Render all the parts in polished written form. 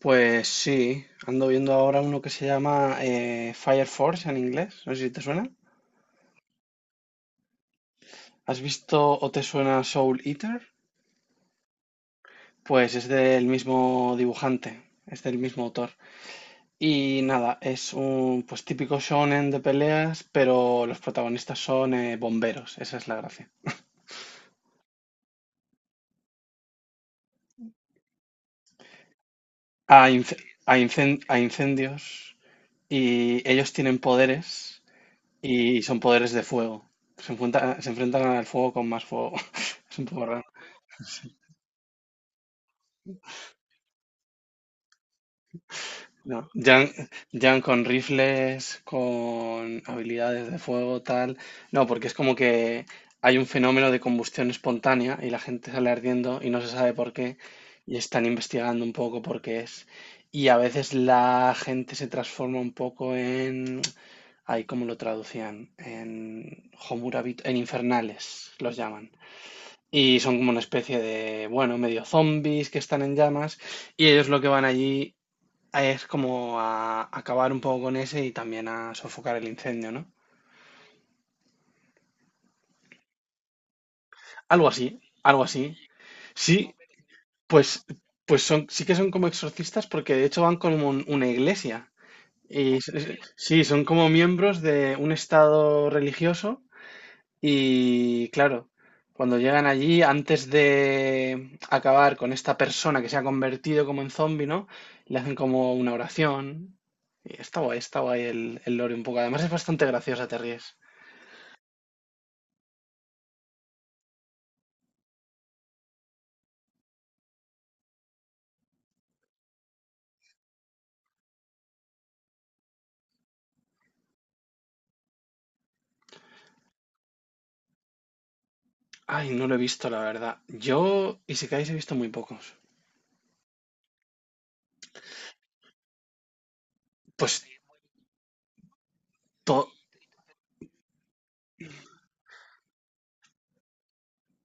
Pues sí, ando viendo ahora uno que se llama Fire Force en inglés, no sé si te suena. ¿Has visto o te suena Soul Eater? Pues es del mismo dibujante, es del mismo autor. Y nada, es un pues típico shonen de peleas, pero los protagonistas son bomberos, esa es la gracia. A, inc- a incendios y ellos tienen poderes y son poderes de fuego. Se enfrentan al fuego con más fuego. Es un poco raro. No, Jan, Jan con rifles, con habilidades de fuego, tal. No, porque es como que hay un fenómeno de combustión espontánea y la gente sale ardiendo y no se sabe por qué y están investigando un poco por qué es. Y a veces la gente se transforma un poco en... Ay, ¿cómo lo traducían? En Homurabit, en infernales los llaman. Y son como una especie de, bueno, medio zombies que están en llamas. Y ellos lo que van allí es como a acabar un poco con ese y también a sofocar el incendio, ¿no? Algo así, algo así. Sí, pues, pues son, sí que son como exorcistas porque de hecho van como una iglesia. Y sí, son como miembros de un estado religioso y claro, cuando llegan allí, antes de acabar con esta persona que se ha convertido como en zombie, ¿no? Le hacen como una oración. Y está guay el lore un poco. Además es bastante graciosa, te ríes. Ay, no lo he visto, la verdad. Yo, Isekais he visto muy pocos. Pues to-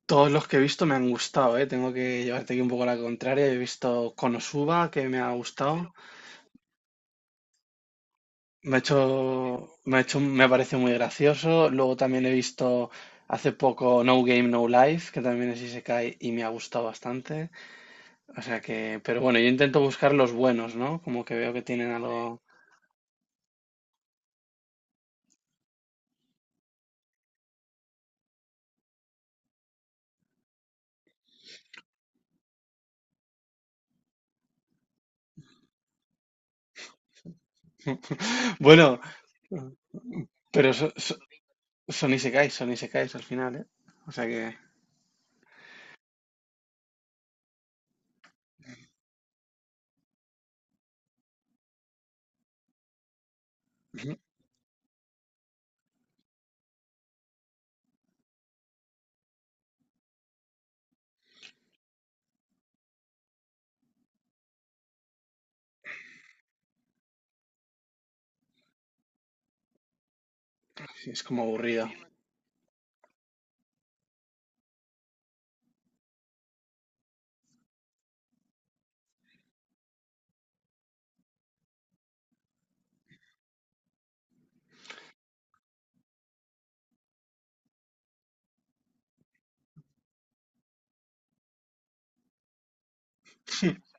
todos los que he visto me han gustado, ¿eh? Tengo que llevarte aquí un poco la contraria. He visto Konosuba, que me ha gustado. Me ha hecho, me parece muy gracioso. Luego también he visto hace poco No Game, No Life, que también es Isekai y me ha gustado bastante. O sea que, pero bueno, yo intento buscar los buenos, ¿no? Como que veo que tienen algo. Bueno, pero son Isekais al final, ¿eh? O sea que. Ujú. Sí, es como aburrido,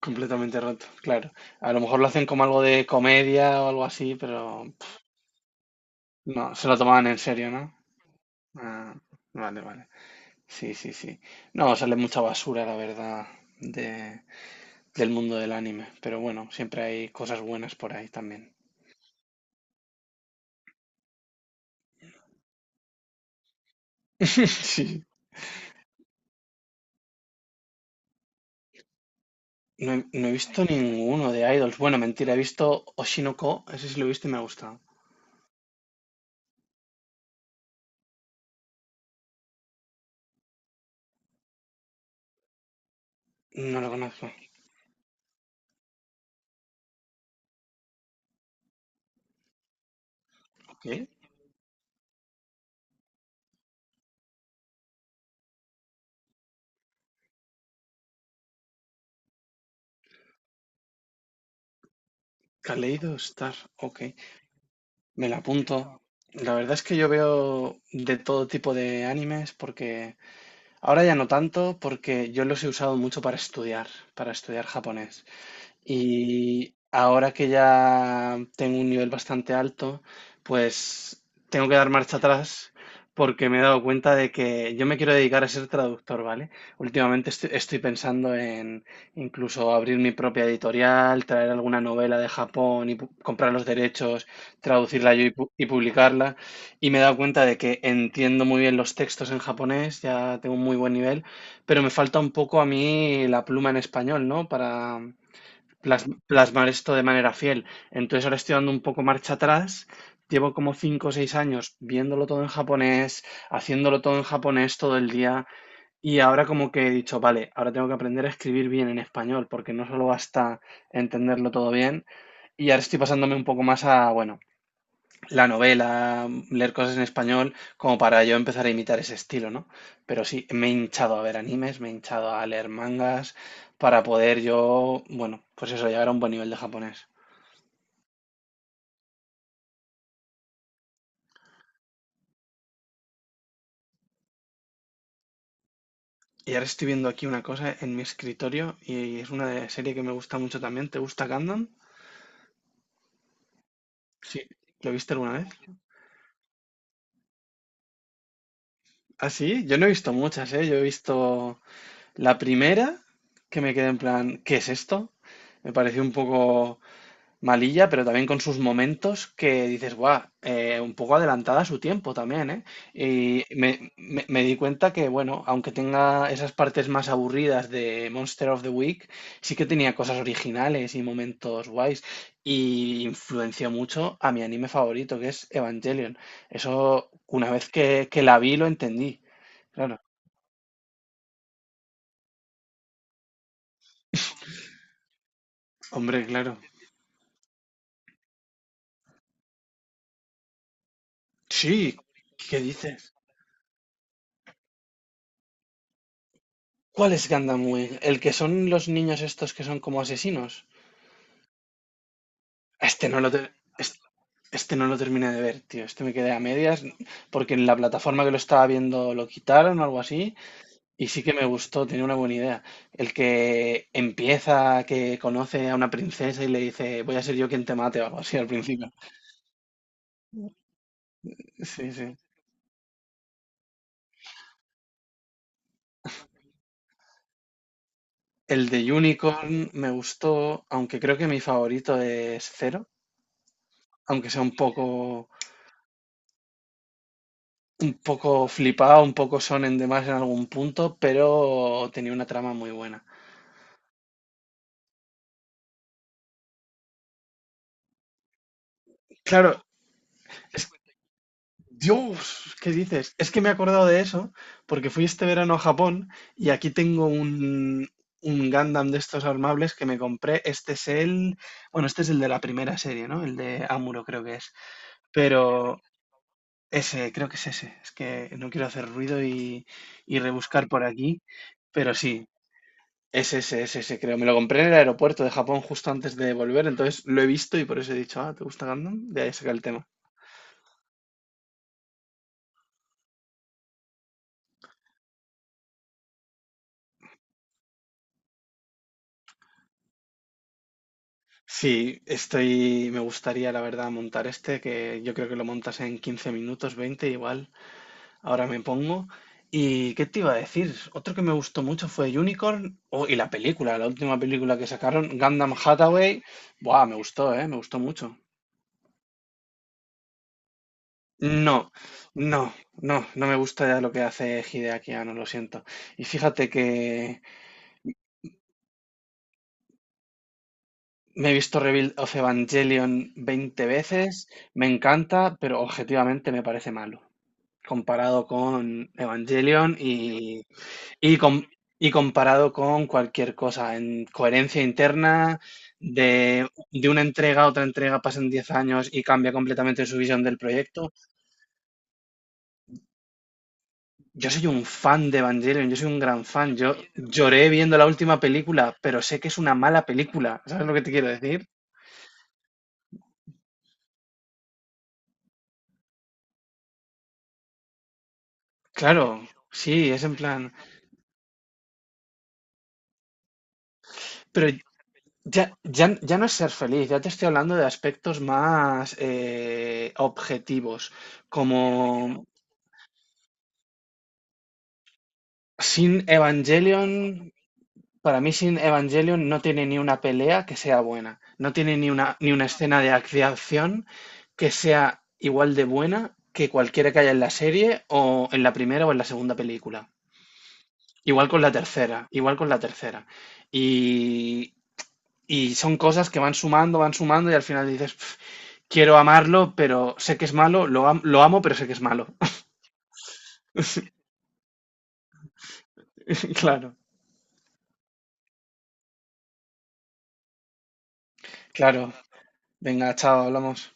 completamente roto, claro. A lo mejor lo hacen como algo de comedia o algo así, pero pff, no, se lo tomaban en serio, ¿no? Ah, vale, vale. Sí, sí, sí. No, sale mucha basura, la verdad, de, del mundo del anime, pero bueno, siempre hay cosas buenas por ahí también. Sí. No he visto ninguno de Idols. Bueno, mentira, he visto Oshinoko, ese sí lo he visto y me ha gustado. No lo conozco. ¿Qué? Kaleido Star, ok. Me la apunto. La verdad es que yo veo de todo tipo de animes porque ahora ya no tanto porque yo los he usado mucho para estudiar japonés. Y ahora que ya tengo un nivel bastante alto, pues tengo que dar marcha atrás porque me he dado cuenta de que yo me quiero dedicar a ser traductor, ¿vale? Últimamente estoy pensando en incluso abrir mi propia editorial, traer alguna novela de Japón y comprar los derechos, traducirla yo y, y publicarla. Y me he dado cuenta de que entiendo muy bien los textos en japonés, ya tengo un muy buen nivel, pero me falta un poco a mí la pluma en español, ¿no? Para plasmar esto de manera fiel. Entonces ahora estoy dando un poco marcha atrás. Llevo como 5 o 6 años viéndolo todo en japonés, haciéndolo todo en japonés todo el día y ahora como que he dicho, vale, ahora tengo que aprender a escribir bien en español porque no solo basta entenderlo todo bien y ahora estoy pasándome un poco más a, bueno, la novela, leer cosas en español, como para yo empezar a imitar ese estilo, ¿no? Pero sí, me he hinchado a ver animes, me he hinchado a leer mangas, para poder yo, bueno, pues eso, llegar a un buen nivel de japonés. Y ahora estoy viendo aquí una cosa en mi escritorio y es una serie que me gusta mucho también. ¿Te gusta Gundam? Sí. ¿Lo viste alguna vez? Ah, sí, yo no he visto muchas, ¿eh? Yo he visto la primera que me quedé en plan, ¿qué es esto? Me pareció un poco malilla, pero también con sus momentos que dices, guau, un poco adelantada a su tiempo también, ¿eh? Y me di cuenta que, bueno, aunque tenga esas partes más aburridas de Monster of the Week, sí que tenía cosas originales y momentos guays. Y influenció mucho a mi anime favorito, que es Evangelion. Eso, una vez que la vi, lo entendí. Claro. Hombre, claro. Sí, ¿qué dices? ¿Cuál es Gundam Wing? ¿El que son los niños estos que son como asesinos? Este no lo, te- es- este no lo terminé de ver, tío. Este me quedé a medias porque en la plataforma que lo estaba viendo lo quitaron o algo así. Y sí que me gustó, tenía una buena idea. El que empieza, que conoce a una princesa y le dice, voy a ser yo quien te mate o algo así al principio. Sí, sí. El de Unicorn me gustó, aunque creo que mi favorito es Zero, aunque sea un poco flipado, un poco sonen de más en algún punto, pero tenía una trama muy buena. Claro, Dios, ¿qué dices? Es que me he acordado de eso porque fui este verano a Japón y aquí tengo un Gundam de estos armables que me compré. Este es el, bueno, este es el de la primera serie, ¿no? El de Amuro creo que es. Pero ese, creo que es ese. Es que no quiero hacer ruido y rebuscar por aquí. Pero sí, es ese, creo. Me lo compré en el aeropuerto de Japón justo antes de volver, entonces lo he visto y por eso he dicho, ah, ¿te gusta Gundam? De ahí saca el tema. Sí, estoy, me gustaría la verdad montar este, que yo creo que lo montas en 15 minutos, 20 igual, ahora me pongo. ¿Y qué te iba a decir? Otro que me gustó mucho fue Unicorn, oh, y la película, la última película que sacaron, Gundam Hathaway, buah, me gustó mucho. No, no, no, no me gusta ya lo que hace Hideaki Anno, lo siento. Y fíjate que me he visto Rebuild of Evangelion 20 veces, me encanta, pero objetivamente me parece malo. Comparado con Evangelion y, y comparado con cualquier cosa en coherencia interna, de una entrega a otra entrega pasan 10 años y cambia completamente su visión del proyecto. Yo soy un fan de Evangelion, yo soy un gran fan. Yo lloré viendo la última película, pero sé que es una mala película. ¿Sabes lo que te quiero decir? Claro, sí, es en plan. Pero ya, ya, ya no es ser feliz, ya te estoy hablando de aspectos más objetivos, como sin Evangelion, para mí sin Evangelion no tiene ni una pelea que sea buena, no tiene ni una, ni una escena de de acción que sea igual de buena que cualquiera que haya en la serie o en la primera o en la segunda película. Igual con la tercera, igual con la tercera. Y, y son cosas que van sumando y al final dices... quiero amarlo, pero sé que es malo, lo, lo amo, pero sé que es malo. Claro, claro. Venga, chao, hablamos.